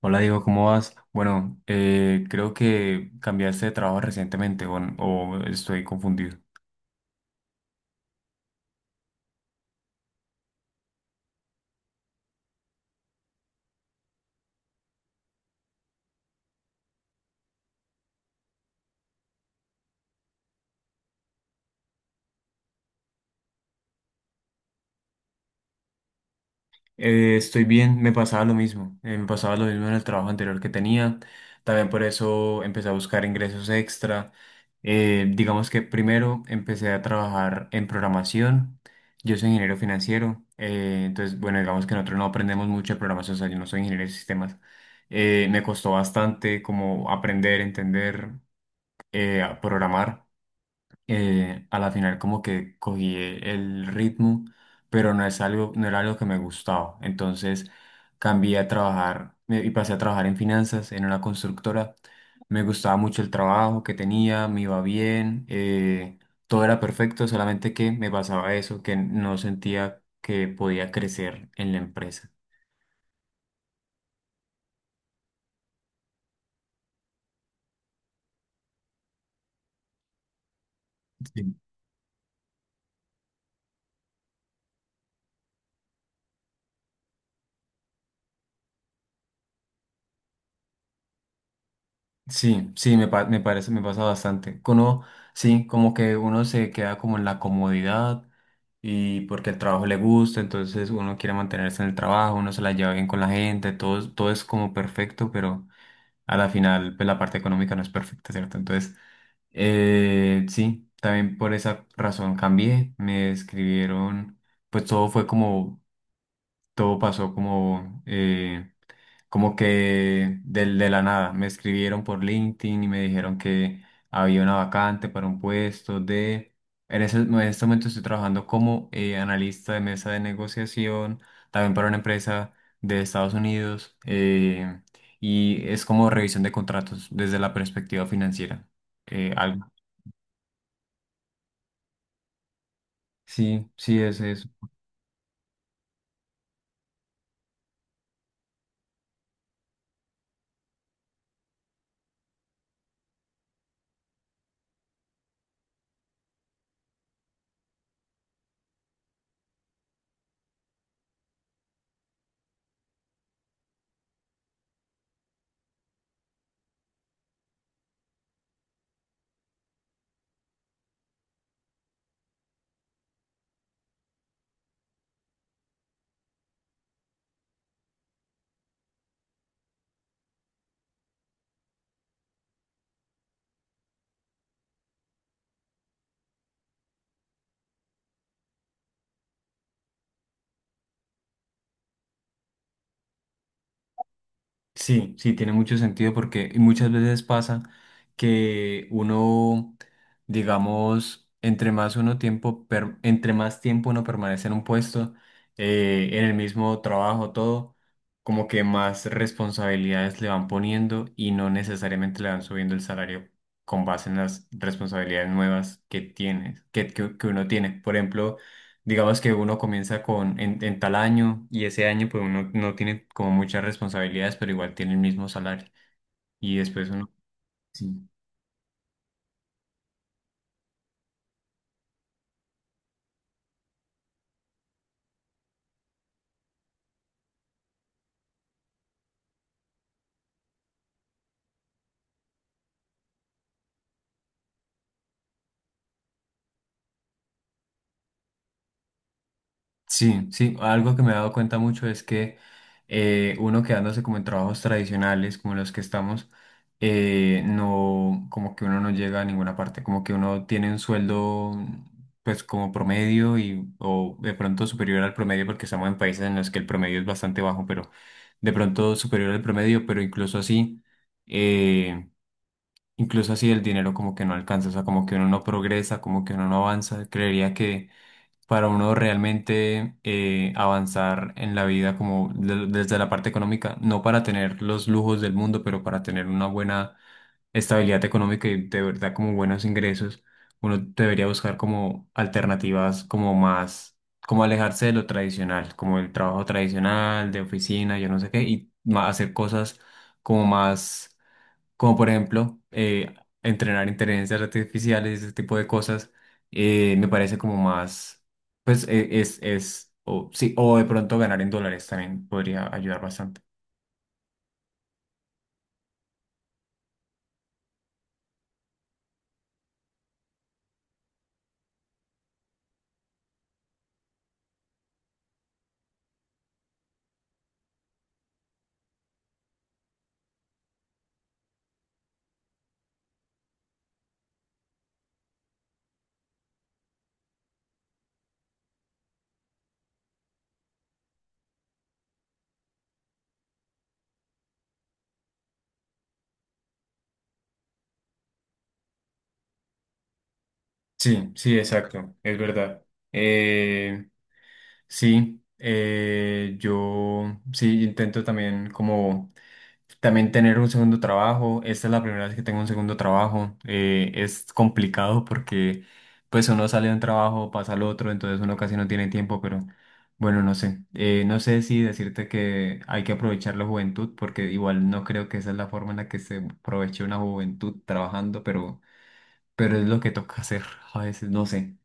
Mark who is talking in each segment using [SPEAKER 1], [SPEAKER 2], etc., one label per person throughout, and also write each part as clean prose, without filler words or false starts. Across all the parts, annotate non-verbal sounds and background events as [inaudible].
[SPEAKER 1] Hola Diego, ¿cómo vas? Bueno, creo que cambiaste de trabajo recientemente o estoy confundido. Estoy bien, me pasaba lo mismo. Me pasaba lo mismo en el trabajo anterior que tenía. También por eso empecé a buscar ingresos extra. Digamos que primero empecé a trabajar en programación. Yo soy ingeniero financiero. Entonces, bueno, digamos que nosotros no aprendemos mucho de programación. O sea, yo no soy ingeniero de sistemas. Me costó bastante como aprender, entender, a programar. A la final como que cogí el ritmo, pero no era algo que me gustaba. Entonces cambié a trabajar me- y pasé a trabajar en finanzas, en una constructora. Me gustaba mucho el trabajo que tenía, me iba bien, todo era perfecto, solamente que me pasaba eso, que no sentía que podía crecer en la empresa. Sí, sí, me parece, me pasa bastante. Que uno, sí, como que uno se queda como en la comodidad y porque el trabajo le gusta, entonces uno quiere mantenerse en el trabajo, uno se la lleva bien con la gente, todo, todo es como perfecto, pero a la final, pues la parte económica no es perfecta, ¿cierto? Entonces, sí, también por esa razón cambié, me escribieron, pues todo fue como, todo pasó como, como que de la nada. Me escribieron por LinkedIn y me dijeron que había una vacante para un puesto de... en este momento estoy trabajando como analista de mesa de negociación, también para una empresa de Estados Unidos, y es como revisión de contratos desde la perspectiva financiera. Algo. Sí, sí, es eso. Sí, sí, tiene mucho sentido porque y muchas veces pasa que uno, digamos, entre más tiempo uno permanece en un puesto, en el mismo trabajo, todo, como que más responsabilidades le van poniendo y no necesariamente le van subiendo el salario con base en las responsabilidades nuevas que tienes, que uno tiene. Por ejemplo, digamos que uno comienza en tal año y ese año pues uno no tiene como muchas responsabilidades, pero igual tiene el mismo salario. Y después uno, sí. Sí, sí, algo que me he dado cuenta mucho es que uno quedándose como en trabajos tradicionales como los que estamos, no, como que uno no llega a ninguna parte, como que uno tiene un sueldo pues como promedio y o de pronto superior al promedio porque estamos en países en los que el promedio es bastante bajo, pero de pronto superior al promedio, pero eh, incluso así el dinero como que no alcanza, o sea, como que uno no progresa, como que uno no avanza, creería que para uno realmente avanzar en la vida como desde la parte económica, no para tener los lujos del mundo, pero para tener una buena estabilidad económica y de verdad como buenos ingresos, uno debería buscar como alternativas como más, como alejarse de lo tradicional, como el trabajo tradicional, de oficina, yo no sé qué, y hacer cosas como más como por ejemplo entrenar inteligencias artificiales, ese tipo de cosas, me parece como más, pues es, o, sí, o de pronto ganar en dólares también podría ayudar bastante. Sí, sí, exacto, es verdad. Eh, sí, yo sí intento también como también tener un segundo trabajo. Esta es la primera vez que tengo un segundo trabajo. Es complicado porque pues uno sale de un trabajo, pasa al otro, entonces uno casi no tiene tiempo, pero bueno, no sé. No sé si decirte que hay que aprovechar la juventud porque igual no creo que esa es la forma en la que se aproveche una juventud trabajando, pero es lo que toca hacer a veces, no sé.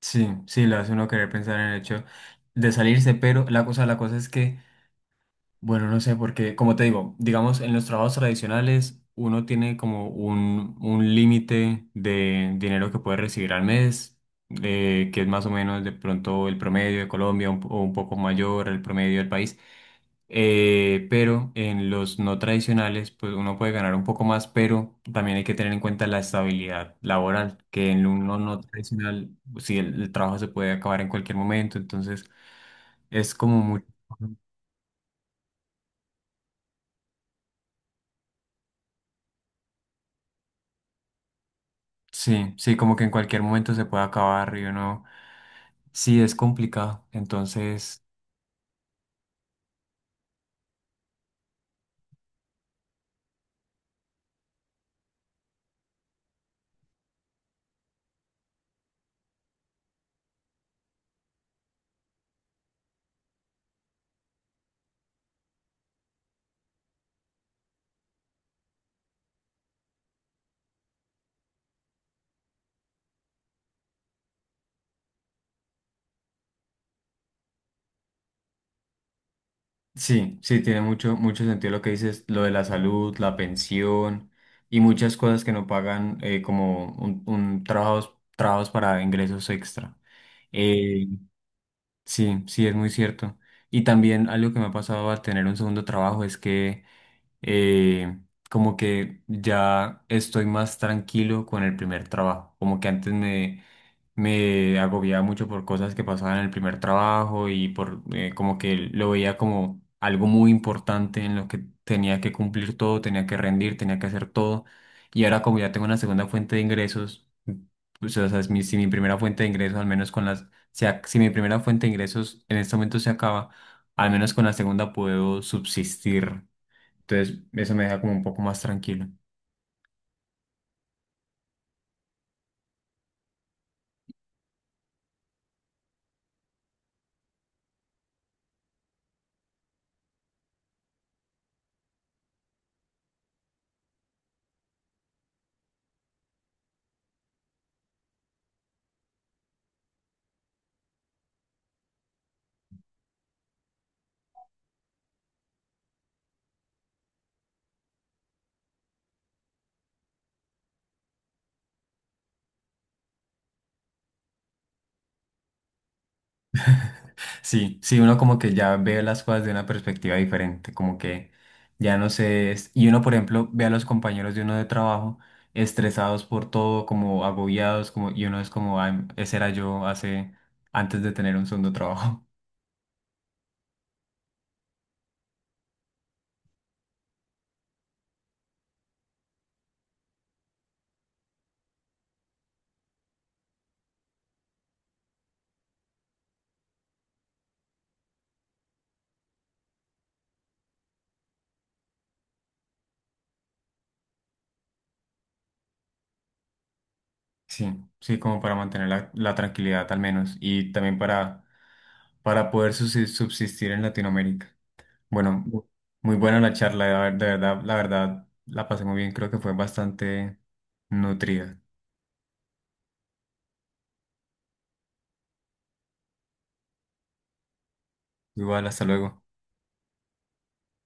[SPEAKER 1] Sí, sí, le hace uno querer pensar en el hecho de salirse, pero la cosa es que... Bueno, no sé, porque como te digo, digamos, en los trabajos tradicionales uno tiene como un límite de dinero que puede recibir al mes, que es más o menos de pronto el promedio de Colombia o un poco mayor el promedio del país. Pero en los no tradicionales, pues uno puede ganar un poco más, pero también hay que tener en cuenta la estabilidad laboral, que en uno no tradicional, si el trabajo se puede acabar en cualquier momento, entonces es como mucho. Sí, sí, como que en cualquier momento se puede acabar y uno, sí, es complicado. Entonces, sí, sí, tiene mucho, mucho sentido lo que dices, lo de la salud, la pensión y muchas cosas que no pagan como un trabajos para ingresos extra. Eh, sí, sí, es muy cierto. Y también algo que me ha pasado al tener un segundo trabajo es que eh, como que ya estoy más tranquilo con el primer trabajo, como que antes me me agobiaba mucho por cosas que pasaban en el primer trabajo y por como que lo veía como algo muy importante en lo que tenía que cumplir todo, tenía que rendir, tenía que hacer todo. Y ahora como ya tengo una segunda fuente de ingresos, pues, o sea, si mi primera fuente de ingresos, al menos con las, si, si mi primera fuente de ingresos en este momento se acaba, al menos con la segunda puedo subsistir. Entonces, eso me deja como un poco más tranquilo. [laughs] Sí, sí, uno como que ya ve las cosas de una perspectiva diferente, como que ya no sé, y uno por ejemplo ve a los compañeros de uno de trabajo estresados por todo, como agobiados, como, y uno es como, ah, ese era yo hace, antes de tener un segundo trabajo. [laughs] Sí, sí, como para mantener la tranquilidad al menos, y también para poder subsistir en Latinoamérica. Bueno, muy buena la charla, de de verdad, la pasé muy bien, creo que fue bastante nutrida. Igual, hasta luego.